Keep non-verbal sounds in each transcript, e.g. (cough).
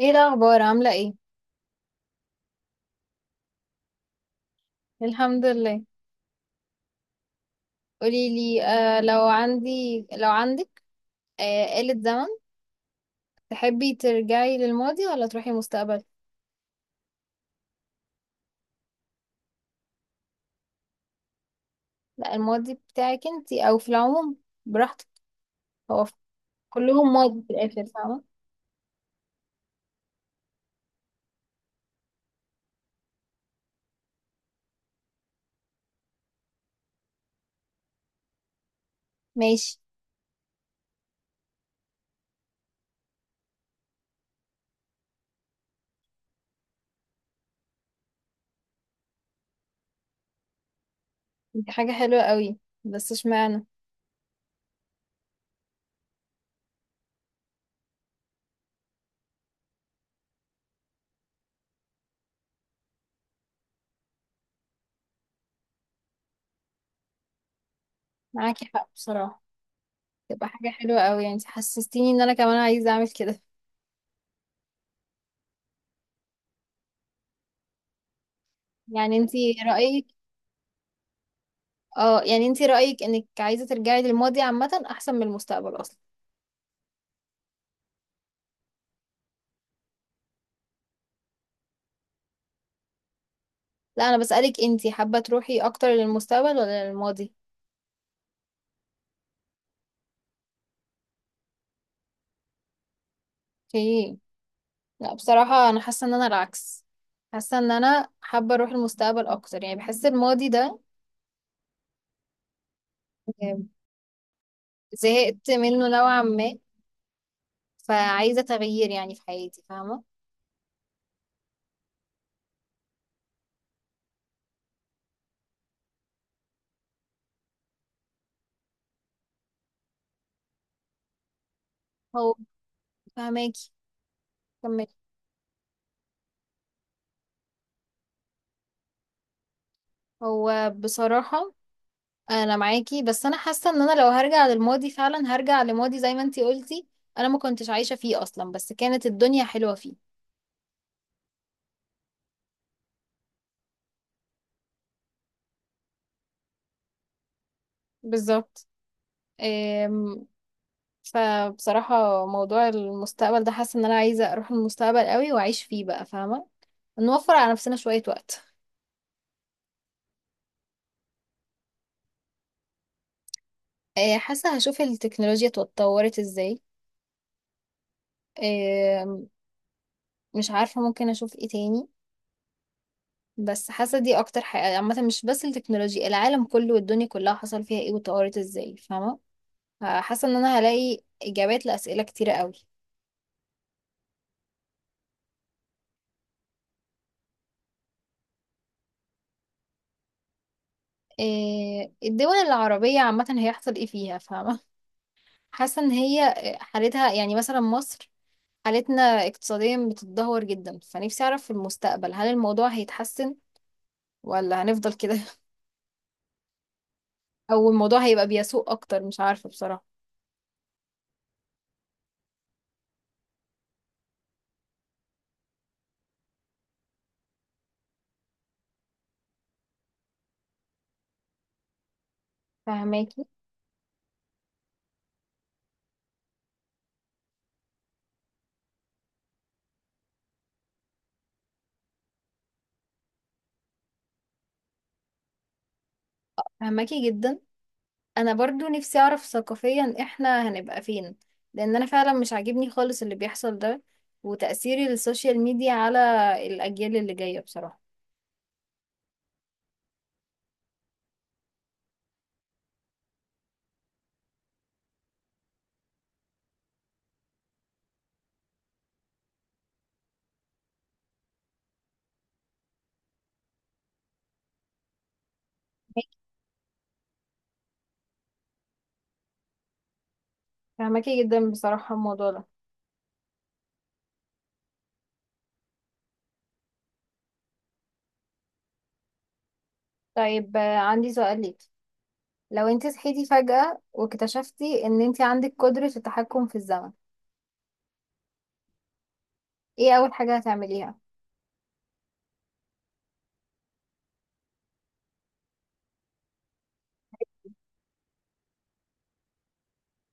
ايه الاخبار؟ عامله ايه؟ الحمد لله. قولي لي، لو عندك آلة زمن، تحبي ترجعي للماضي ولا تروحي المستقبل؟ لا، الماضي بتاعك انتي او في العموم، براحتك. هو في- كلهم ماضي في الاخر، فاهمه؟ ماشي. دي حاجه حلوه قوي، بس اشمعنى؟ معاكي حق بصراحه. تبقى حاجه حلوه قوي، يعني انتي حسستيني ان انا كمان عايزه اعمل كده. يعني انتي رايك اه، يعني انتي رايك انك عايزه ترجعي للماضي عامه احسن من المستقبل اصلا؟ لا، انا بسألك انتي حابة تروحي اكتر للمستقبل ولا للماضي؟ اوكي. لا، بصراحة انا حاسة ان انا العكس. حاسة ان انا حابة اروح المستقبل اكتر، يعني بحس الماضي ده آه، زهقت منه نوعا ما، فعايزة تغيير يعني في حياتي، فاهمة؟ هو فهماكي؟ كملي. هو بصراحة، انا معاكي، بس انا حاسة ان انا لو هرجع للماضي فعلا هرجع لماضي زي ما انتي قلتي. انا ما كنتش عايشة فيه اصلا، بس كانت الدنيا حلوة فيه. بالظبط. فبصراحة موضوع المستقبل ده، حاسة ان انا عايزة اروح المستقبل قوي واعيش فيه بقى، فاهمة؟ نوفر على نفسنا شوية وقت. حاسة هشوف التكنولوجيا اتطورت ازاي. آه، مش عارفة ممكن اشوف ايه تاني. بس حاسة دي اكتر حاجة عامة، مش بس التكنولوجيا، العالم كله والدنيا كلها حصل فيها ايه واتطورت ازاي، فاهمة؟ حاسة ان انا هلاقي اجابات لأسئلة كتيرة قوي. الدول العربية عامة هيحصل ايه فيها، فاهمة؟ حاسة ان هي حالتها، يعني مثلا مصر، حالتنا اقتصاديا بتتدهور جدا، فنفسي اعرف في المستقبل هل الموضوع هيتحسن ولا هنفضل كده، (laughs) او الموضوع هيبقى بيسوء اكتر، مش عارفة بصراحة. فهماكي فهماكي جدا. انا برضو نفسي اعرف ثقافيا احنا هنبقى فين، لان انا فعلا مش عاجبني خالص اللي بيحصل ده، وتأثير السوشيال ميديا على الاجيال اللي جاية، بصراحة. فهماكي جدا، بصراحة الموضوع ده. طيب، عندي سؤال ليك. لو انت صحيتي فجأة واكتشفتي ان انت عندك قدرة التحكم في الزمن، ايه اول حاجة هتعمليها؟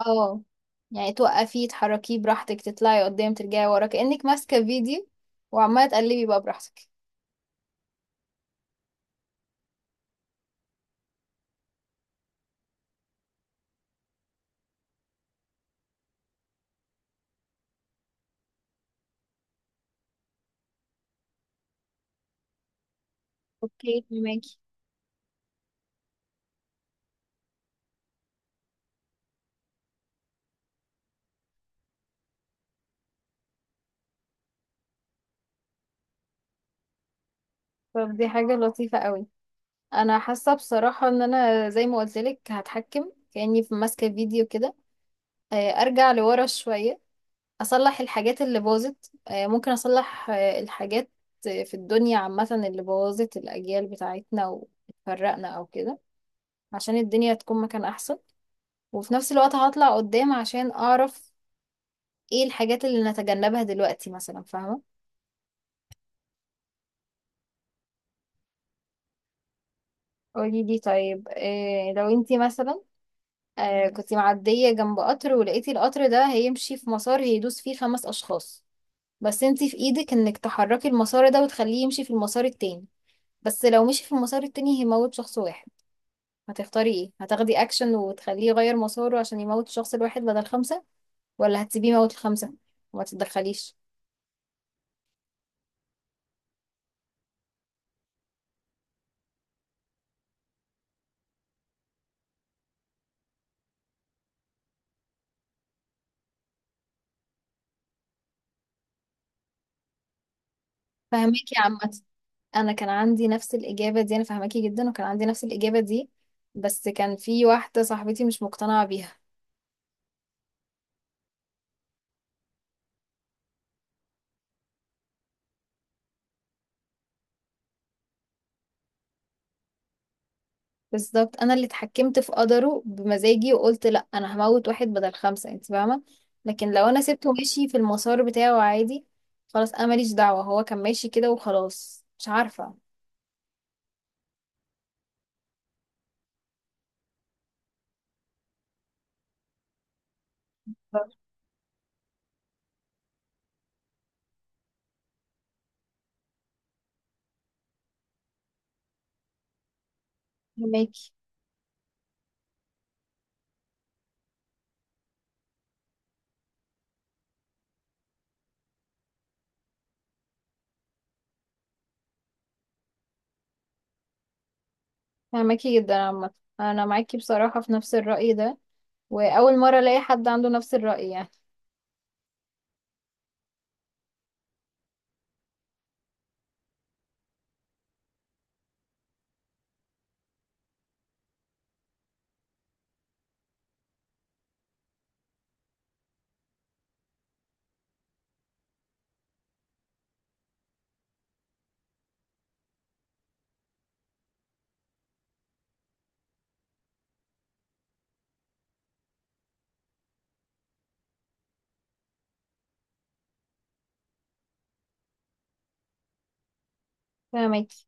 اه، يعني توقفيه، تحركيه براحتك، تطلعي قدام، ترجعي ورا، كأنك ماسكة فيديو وعمالة تقلبي بقى براحتك. اوكي، فهماكي. طب دي حاجة لطيفة قوي. انا حاسة بصراحة ان انا زي ما قلت لك هتحكم كأني في ماسكة فيديو كده، ارجع لورا شوية، اصلح الحاجات اللي باظت، ممكن اصلح الحاجات في الدنيا عامة اللي بوظت الاجيال بتاعتنا وفرقنا او كده، عشان الدنيا تكون مكان احسن. وفي نفس الوقت هطلع قدام عشان اعرف ايه الحاجات اللي نتجنبها دلوقتي مثلا، فاهمة؟ قولي لي، طيب إيه لو انتي مثلا كنتي معدية جنب قطر ولقيتي القطر ده هيمشي في مسار هيدوس فيه خمس اشخاص، بس انتي في ايدك انك تحركي المسار ده وتخليه يمشي في المسار التاني، بس لو مشي في المسار التاني هيموت شخص واحد. هتختاري ايه؟ هتاخدي اكشن وتخليه يغير مساره عشان يموت الشخص الواحد بدل خمسة، ولا هتسيبيه يموت الخمسة وما تتدخليش؟ فهميكي يا عم. انا كان عندي نفس الاجابه دي، انا فاهماكي جدا، وكان عندي نفس الاجابه دي، بس كان في واحده صاحبتي مش مقتنعه بيها. بالظبط، انا اللي اتحكمت في قدره بمزاجي وقلت لا، انا هموت واحد بدل خمسه، انت فاهمه؟ لكن لو انا سبته ماشي في المسار بتاعه عادي، خلاص انا ماليش دعوه، هو كان ماشي كده وخلاص، مش عارفه. فاهماكي فاهماكي جدا عامه. انا معاكي بصراحه في نفس الراي ده، واول مره الاقي حد عنده نفس الراي يعني. فاهماكي.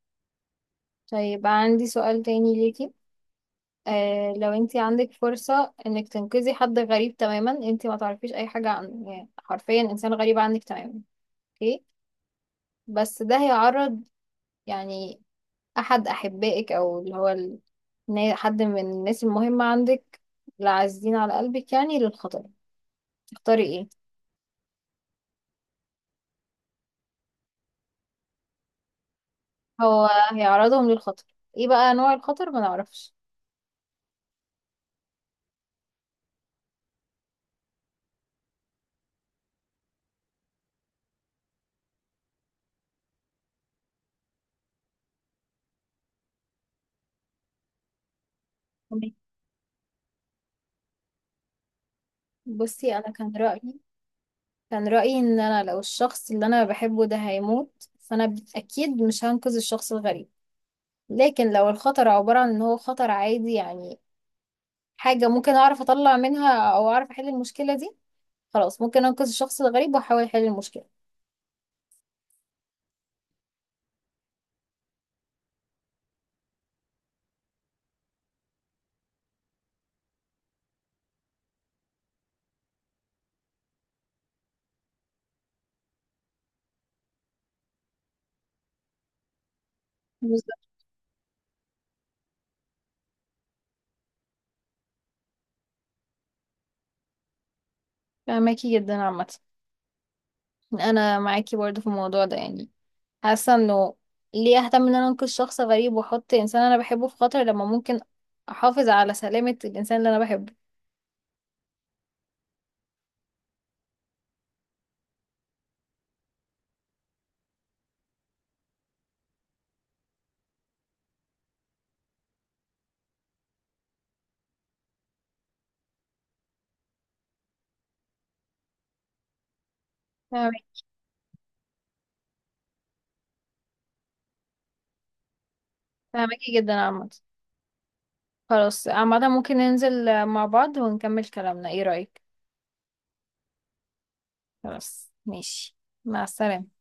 طيب، عندي سؤال تاني ليكي. لو انتي عندك فرصة انك تنقذي حد غريب تماما، انتي ما تعرفيش اي حاجة عنه، يعني حرفيا انسان غريب عنك تماما، اوكي؟ بس ده هيعرض يعني احد احبائك او اللي هو ال... نا- حد من الناس المهمة عندك، العزيزين على قلبك، يعني للخطر. تختاري ايه؟ هو هيعرضهم للخطر. ايه بقى نوع الخطر؟ ما نعرفش. تمام. بصي، انا كان رأيي ان انا لو الشخص اللي انا بحبه ده هيموت، فانا اكيد مش هنقذ الشخص الغريب. لكن لو الخطر عبارة عن ان هو خطر عادي، يعني حاجة ممكن اعرف اطلع منها او اعرف احل المشكلة دي، خلاص ممكن انقذ الشخص الغريب واحاول احل المشكلة. بالظبط، فماكي جدا عامة. انا معاكي برضه في الموضوع ده، يعني حاسة انه ليه اهتم ان انا انقذ شخص غريب واحط انسان انا بحبه في خطر، لما ممكن احافظ على سلامة الانسان اللي انا بحبه. فاهمك- فاهماكي جدا عامة. خلاص عامة، ممكن ننزل مع بعض ونكمل كلامنا، ايه رأيك؟ خلاص، ماشي. مع السلامة.